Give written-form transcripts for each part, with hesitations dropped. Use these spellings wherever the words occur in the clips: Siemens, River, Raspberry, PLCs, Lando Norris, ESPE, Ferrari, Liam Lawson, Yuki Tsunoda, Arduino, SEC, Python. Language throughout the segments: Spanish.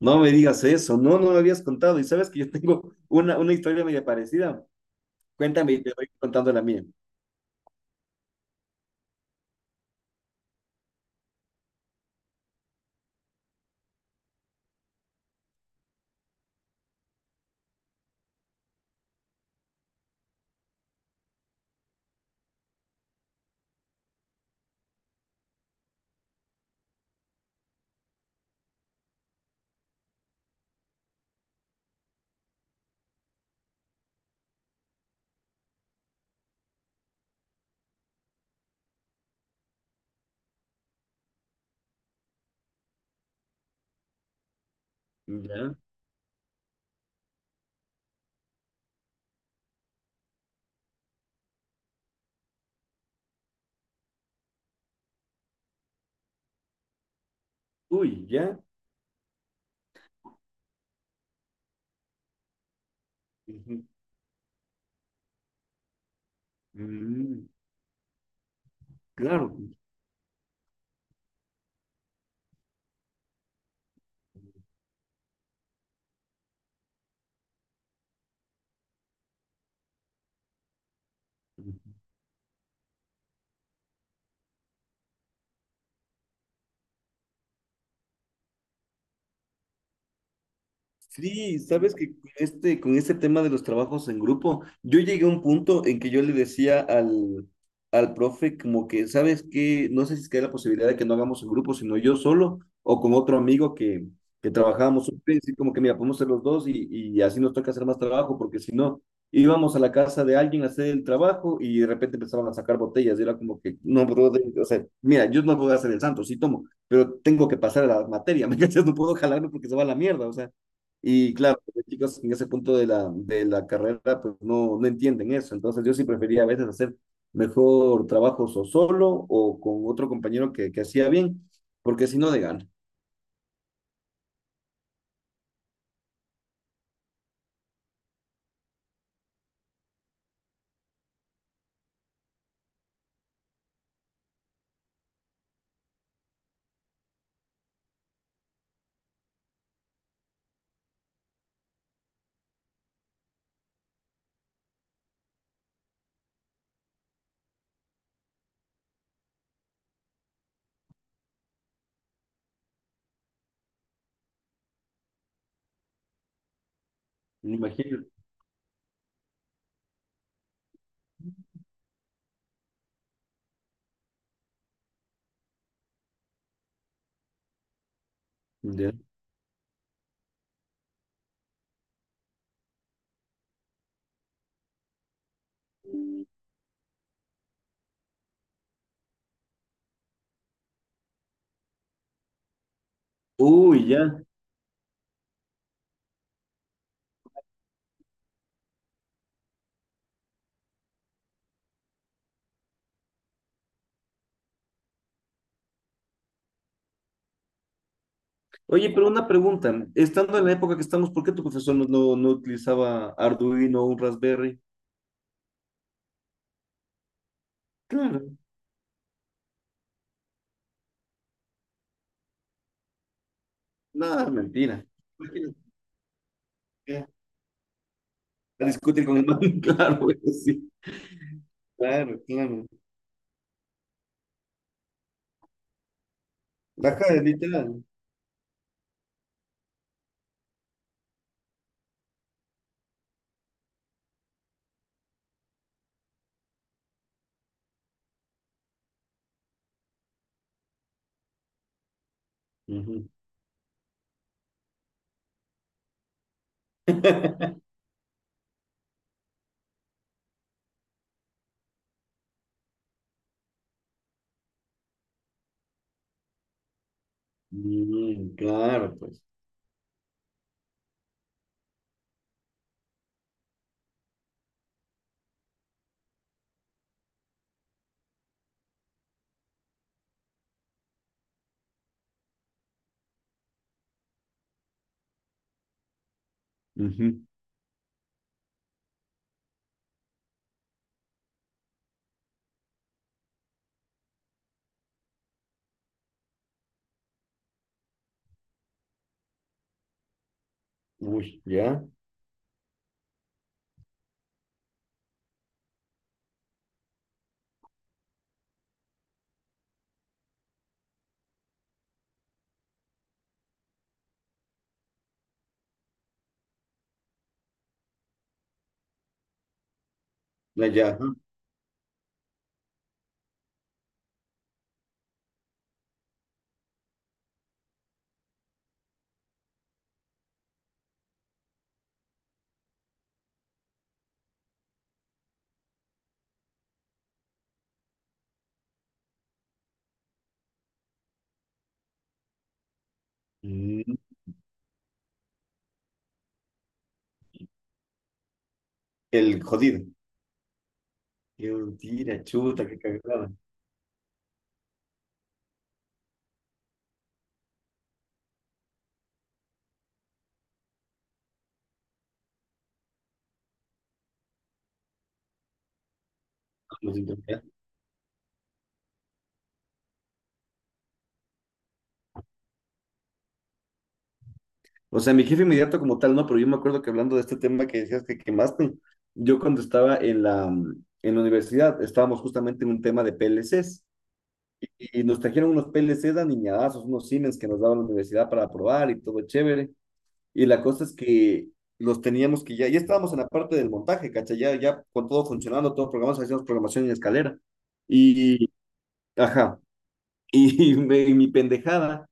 No me digas eso, no, no me habías contado. Y sabes que yo tengo una historia media parecida. Cuéntame y te voy contando la mía. Ya. Uy, ya. Ujú. Mm, claro. Sí, sabes que con este tema de los trabajos en grupo, yo llegué a un punto en que yo le decía al profe como que, ¿sabes qué? No sé si es que hay la posibilidad de que no hagamos en grupo, sino yo solo o con otro amigo que trabajábamos juntos, y así como que, mira, podemos ser los dos y así nos toca hacer más trabajo, porque si no, íbamos a la casa de alguien a hacer el trabajo y de repente empezaban a sacar botellas y era como que, no, brother, o sea, mira, yo no puedo hacer el santo, sí tomo, pero tengo que pasar a la materia, ¿me cachas? No puedo jalarme porque se va a la mierda, o sea. Y claro, los chicos en ese punto de la carrera pues no, no entienden eso. Entonces yo sí prefería a veces hacer mejor trabajos o solo o con otro compañero que hacía bien, porque si no de gana. Me imagino. Ya. Uy, ya. Oye, pero una pregunta. Estando en la época que estamos, ¿por qué tu profesor no utilizaba Arduino o un Raspberry? Claro, nada, mentira. Imagínate, ya. A discutir con el man, claro, güey, sí, claro, claro. Ajá, literal. Ujú. Mm, claro, pues. Ujú. Uy, ya, la ya. Mm, el jodido. Qué mentira, chuta, qué cagada. Lo siento, ya. O sea, mi jefe inmediato como tal, no, pero yo me acuerdo que hablando de este tema que decías que quemaste, yo cuando estaba en la, en la universidad, estábamos justamente en un tema de PLCs y nos trajeron unos PLCs aniñadazos, unos Siemens que nos daban la universidad para probar y todo chévere. Y la cosa es que los teníamos que ya estábamos en la parte del montaje, ¿cachai? Ya con todo funcionando, todo programado, hacíamos programación en escalera. Y, ajá, y, me- y mi pendejada,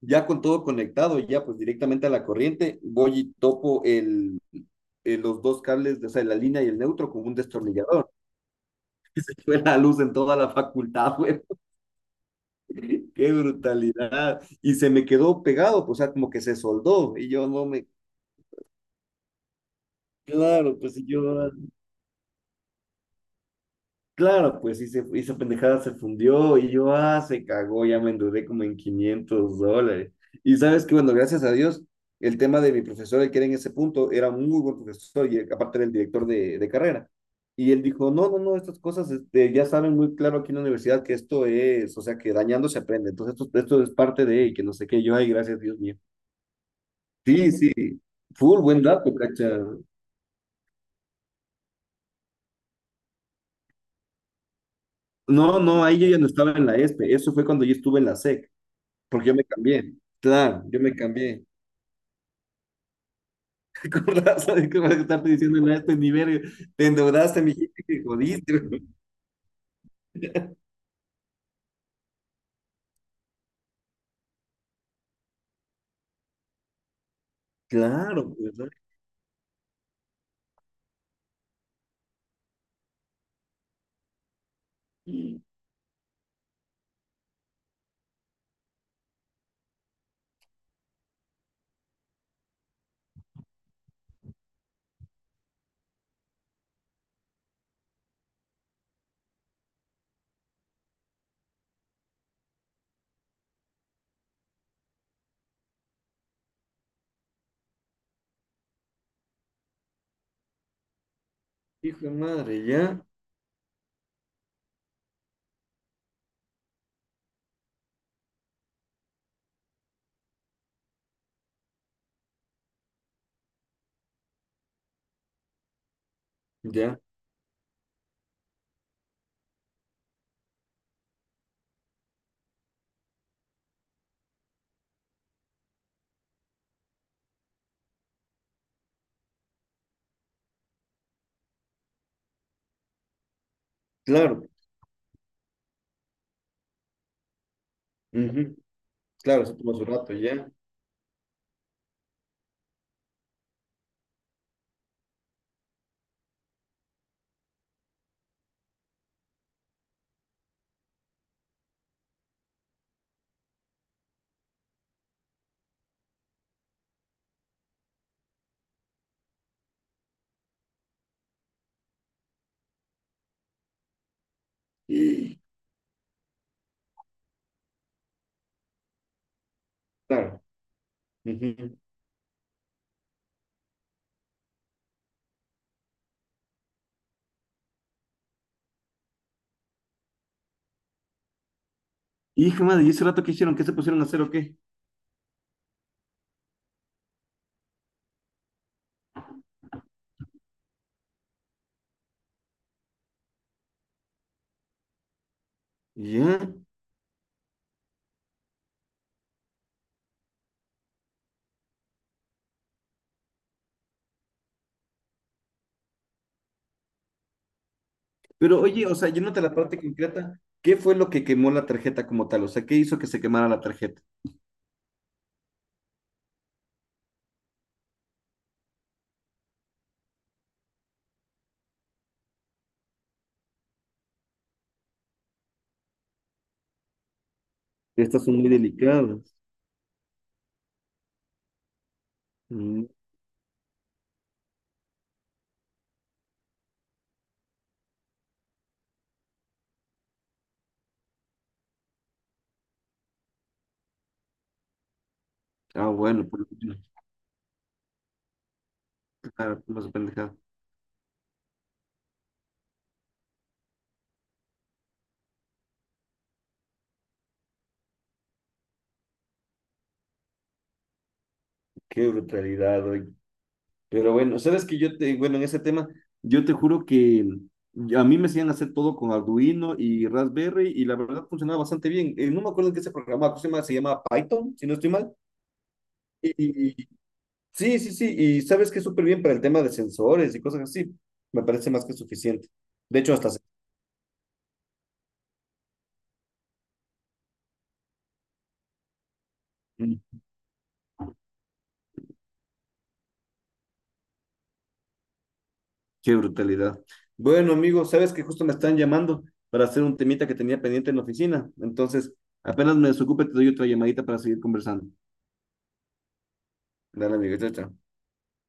ya con todo conectado, ya pues directamente a la corriente, voy y topo los dos cables, de, o sea, la línea y el neutro con un destornillador. Fue la luz en toda la facultad, güey. Qué brutalidad. Y se me quedó pegado, pues, o sea, como que se soldó. Y yo no me... Claro, pues y yo... Claro, pues y se, esa pendejada se fundió y yo, ah, se cagó, ya me endeudé como en $500. Y sabes que, bueno, gracias a Dios, el tema de mi profesor, el que era en ese punto, era un muy buen profesor y aparte era el director de carrera. Y él dijo, no, estas cosas este, ya saben muy claro aquí en la universidad que esto es, o sea, que dañando se aprende. Entonces, esto es parte de, y que no sé qué, yo, ay, gracias, Dios mío. Sí, sí, full, buen dato, cacha. No, ahí yo ya no estaba en la ESPE, eso fue cuando yo estuve en la SEC. Porque yo me cambié. Claro, yo me cambié. ¿Te acordás? ¿Sabes qué acordás que estarte diciendo a este nivel? Te endeudaste, mi gente, que jodiste. Claro, ¿verdad? Hijo de madre, ya, ya, claro. Ujú. Claro, se tomó su rato, ya. Y, claro. Ujú. Hijo de madre, ¿y ese rato qué hicieron? ¿Qué se pusieron a hacer o qué? Ya. Pero oye, o sea, yéndote a la parte concreta, ¿qué fue lo que quemó la tarjeta como tal? O sea, ¿qué hizo que se quemara la tarjeta? Estas son muy delicadas. Mm, ah, bueno, pues, claro, como su pendejada. Qué brutalidad, oye. Pero bueno, sabes que yo te, bueno, en ese tema, yo te juro que a mí me hacían hacer todo con Arduino y Raspberry y la verdad funcionaba bastante bien. No me acuerdo en qué se programaba, ¿cómo se llama? Se llama Python, si no estoy mal. Y- sí, y sabes que es súper bien para el tema de sensores y cosas así. Me parece más que suficiente. De hecho, hasta... Qué brutalidad. Bueno, amigo, sabes que justo me están llamando para hacer un temita que tenía pendiente en la oficina. Entonces, apenas me desocupe, te doy otra llamadita para seguir conversando. Dale, amigo, chao, chao.